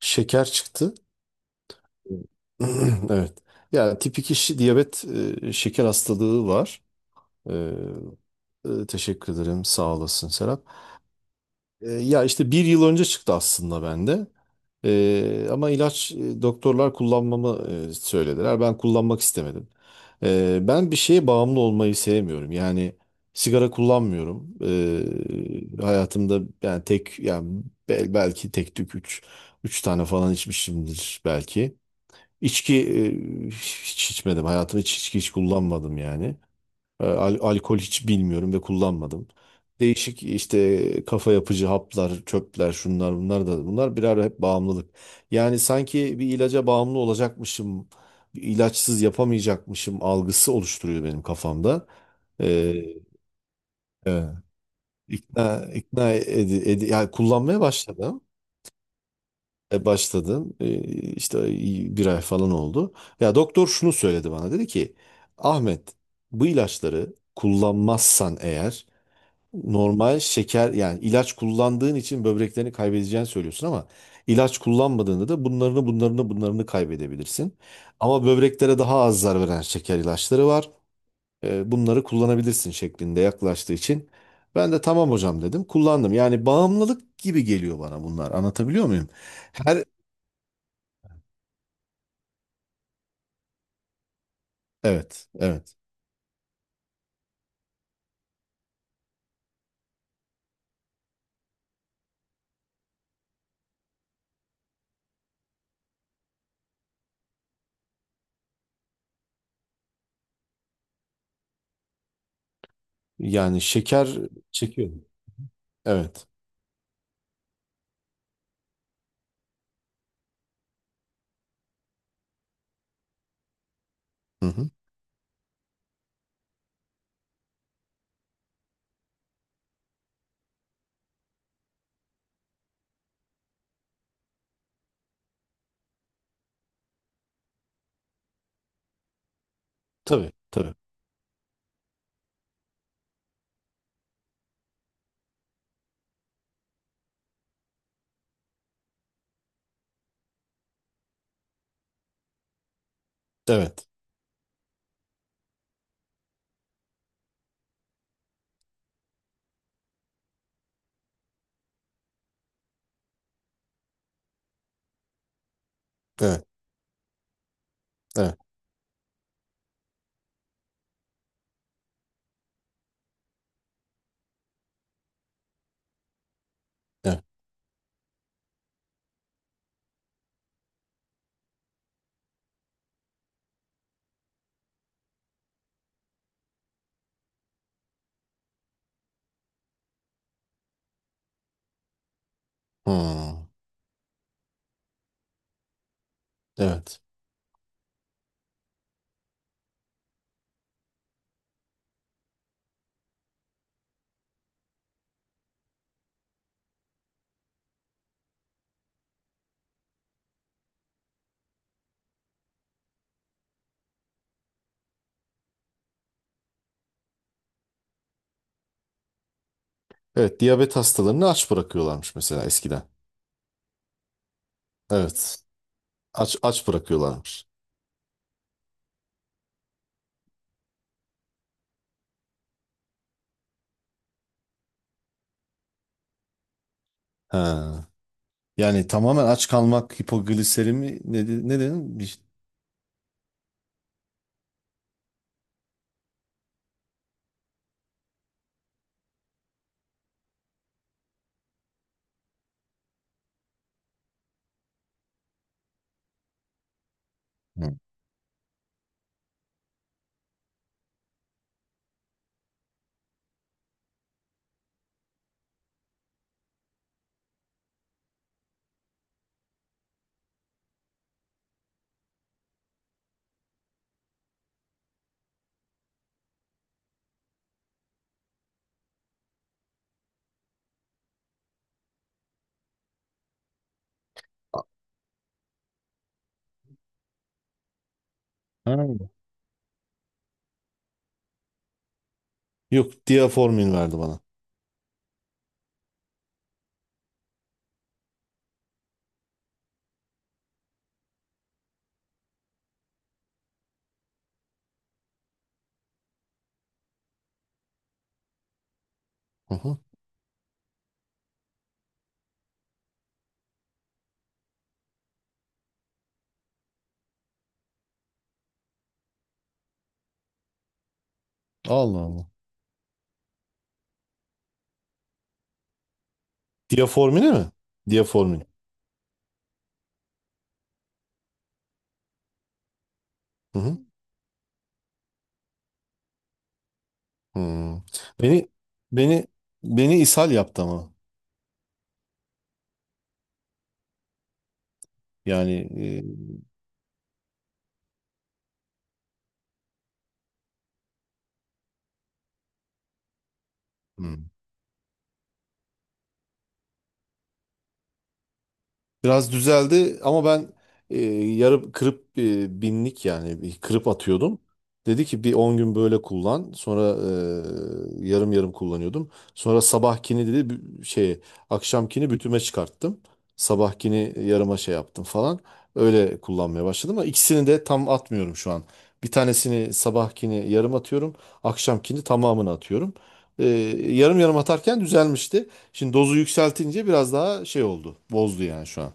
Şeker çıktı. Evet. Yani tip 2 diyabet şeker hastalığı var. E, Teşekkür ederim. Sağ olasın, Serap. Ya işte bir yıl önce çıktı aslında bende. Ama ilaç doktorlar kullanmamı söylediler. Ben kullanmak istemedim. Ben bir şeye bağımlı olmayı sevmiyorum. Yani sigara kullanmıyorum. Hayatımda yani tek yani belki tek tük üç tane falan içmişimdir belki. İçki hiç içmedim. Hayatımda hiç içki hiç kullanmadım yani. Alkol hiç bilmiyorum ve kullanmadım. Değişik işte kafa yapıcı haplar, çöpler, şunlar bunlar da bunlar birer hep bağımlılık. Yani sanki bir ilaca bağımlı olacakmışım, bir ilaçsız yapamayacakmışım algısı oluşturuyor benim kafamda. E, evet. ikna ikna yani kullanmaya başladım. Başladım. İşte bir ay falan oldu. Ya doktor şunu söyledi bana. Dedi ki Ahmet, bu ilaçları kullanmazsan eğer normal şeker yani ilaç kullandığın için böbreklerini kaybedeceğini söylüyorsun ama ilaç kullanmadığında da bunlarını kaybedebilirsin. Ama böbreklere daha az zarar veren şeker ilaçları var. Bunları kullanabilirsin şeklinde yaklaştığı için ben de tamam hocam dedim. Kullandım. Yani bağımlılık gibi geliyor bana bunlar. Anlatabiliyor muyum? Her Evet, evet. Yani şeker çekiyor. Evet. Hı hı. Tabii, tabii. Evet, evet, evet, evet. Hmm. Evet. Evet, diyabet hastalarını aç bırakıyorlarmış mesela eskiden. Evet. Aç aç bırakıyorlarmış. Ha. Yani tamamen aç kalmak hipogliserimi ne, ne dedin? Hı. Ha. Yok, diaformin verdi bana. Hı hı. Allah Allah. Diaformine mi? Diaformin. Hı hı. Hmm. Beni beni beni ishal yaptı ama. Yani Hı. Biraz düzeldi ama ben yarı kırıp binlik yani bir kırıp atıyordum. Dedi ki bir 10 gün böyle kullan. Sonra yarım yarım kullanıyordum. Sonra sabahkini dedi şey akşamkini bütüme çıkarttım. Sabahkini yarıma şey yaptım falan. Öyle kullanmaya başladım ama ikisini de tam atmıyorum şu an. Bir tanesini sabahkini yarım atıyorum. Akşamkini tamamını atıyorum. E, Yarım yarım atarken düzelmişti. Şimdi dozu yükseltince biraz daha şey oldu. Bozdu yani şu an.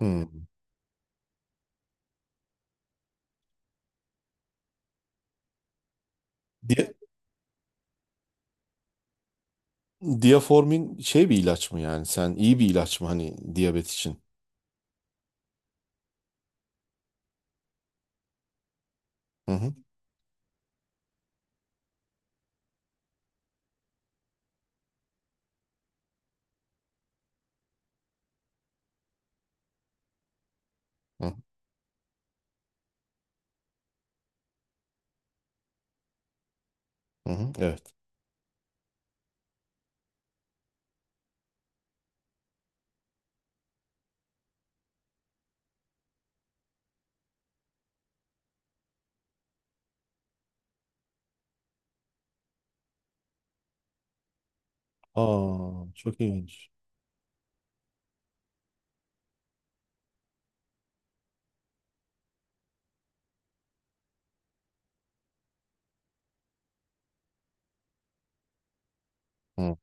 Hmm. Dia- Diaformin şey bir ilaç mı yani? Sen iyi bir ilaç mı hani diyabet için? Hı hı. Hı hı. Hı. Evet. Aa, çok ilginç. Hı.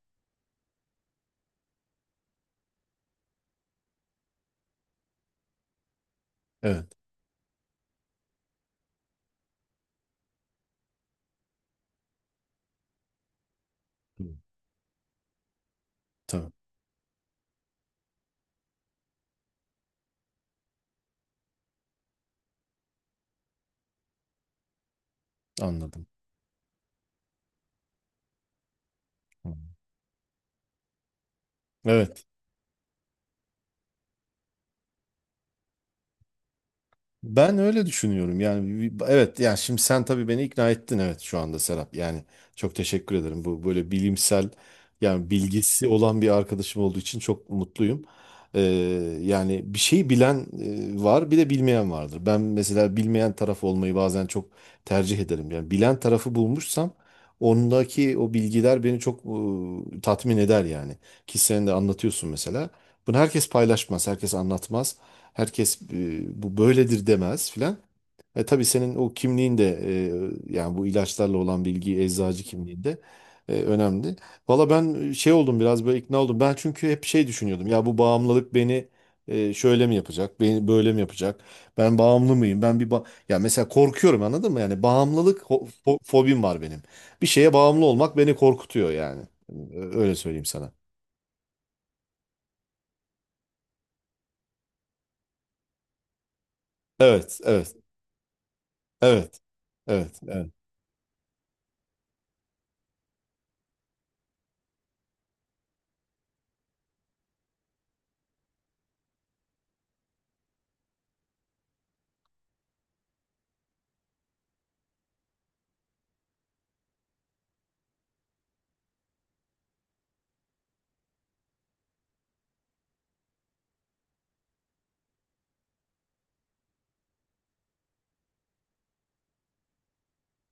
Evet. Hı. Tamam. Anladım. Hı. Evet. Ben öyle düşünüyorum. Yani evet yani şimdi sen tabii beni ikna ettin, evet, şu anda Serap. Yani çok teşekkür ederim. Bu böyle bilimsel yani bilgisi olan bir arkadaşım olduğu için çok mutluyum. Ee, Yani bir şeyi bilen var bir de bilmeyen vardır. Ben mesela bilmeyen taraf olmayı bazen çok tercih ederim. Yani bilen tarafı bulmuşsam ondaki o bilgiler beni çok tatmin eder yani. Ki sen de anlatıyorsun mesela. Bunu herkes paylaşmaz, herkes anlatmaz. Herkes bu böyledir demez filan. Tabii senin o kimliğin de yani bu ilaçlarla olan bilgi eczacı kimliğinde önemli. Valla ben şey oldum biraz böyle ikna oldum. Ben çünkü hep şey düşünüyordum. Ya bu bağımlılık beni şöyle mi yapacak? Beni böyle mi yapacak? Ben bağımlı mıyım? Ben bir ya mesela korkuyorum, anladın mı? Yani bağımlılık fobim var benim. Bir şeye bağımlı olmak beni korkutuyor yani. Öyle söyleyeyim sana. Evet, evet. Evet. Evet. Evet.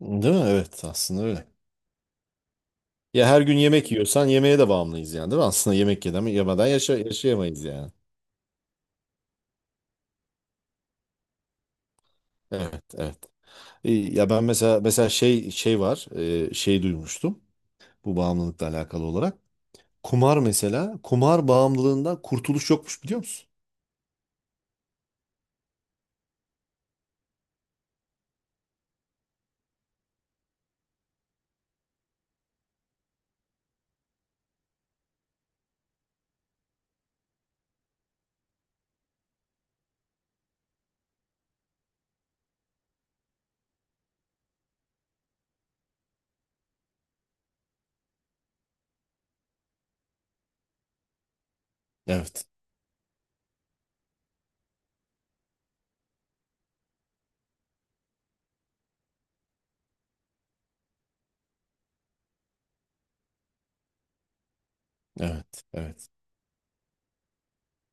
Değil mi? Evet. Aslında öyle. Ya her gün yemek yiyorsan yemeğe de bağımlıyız yani, değil mi? Aslında yemek yedem, yemeden yaşayamayız yani. Evet. Evet. Ya ben mesela şey var. Şey duymuştum. Bu bağımlılıkla alakalı olarak. Kumar mesela. Kumar bağımlılığından kurtuluş yokmuş, biliyor musun? Evet. Evet. Evet.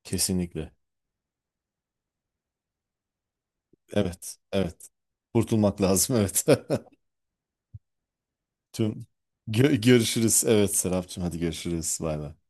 Kesinlikle. Evet. Evet. Kurtulmak lazım. Evet. Tüm Görüşürüz. Evet Serapcığım, hadi görüşürüz. Bay bay.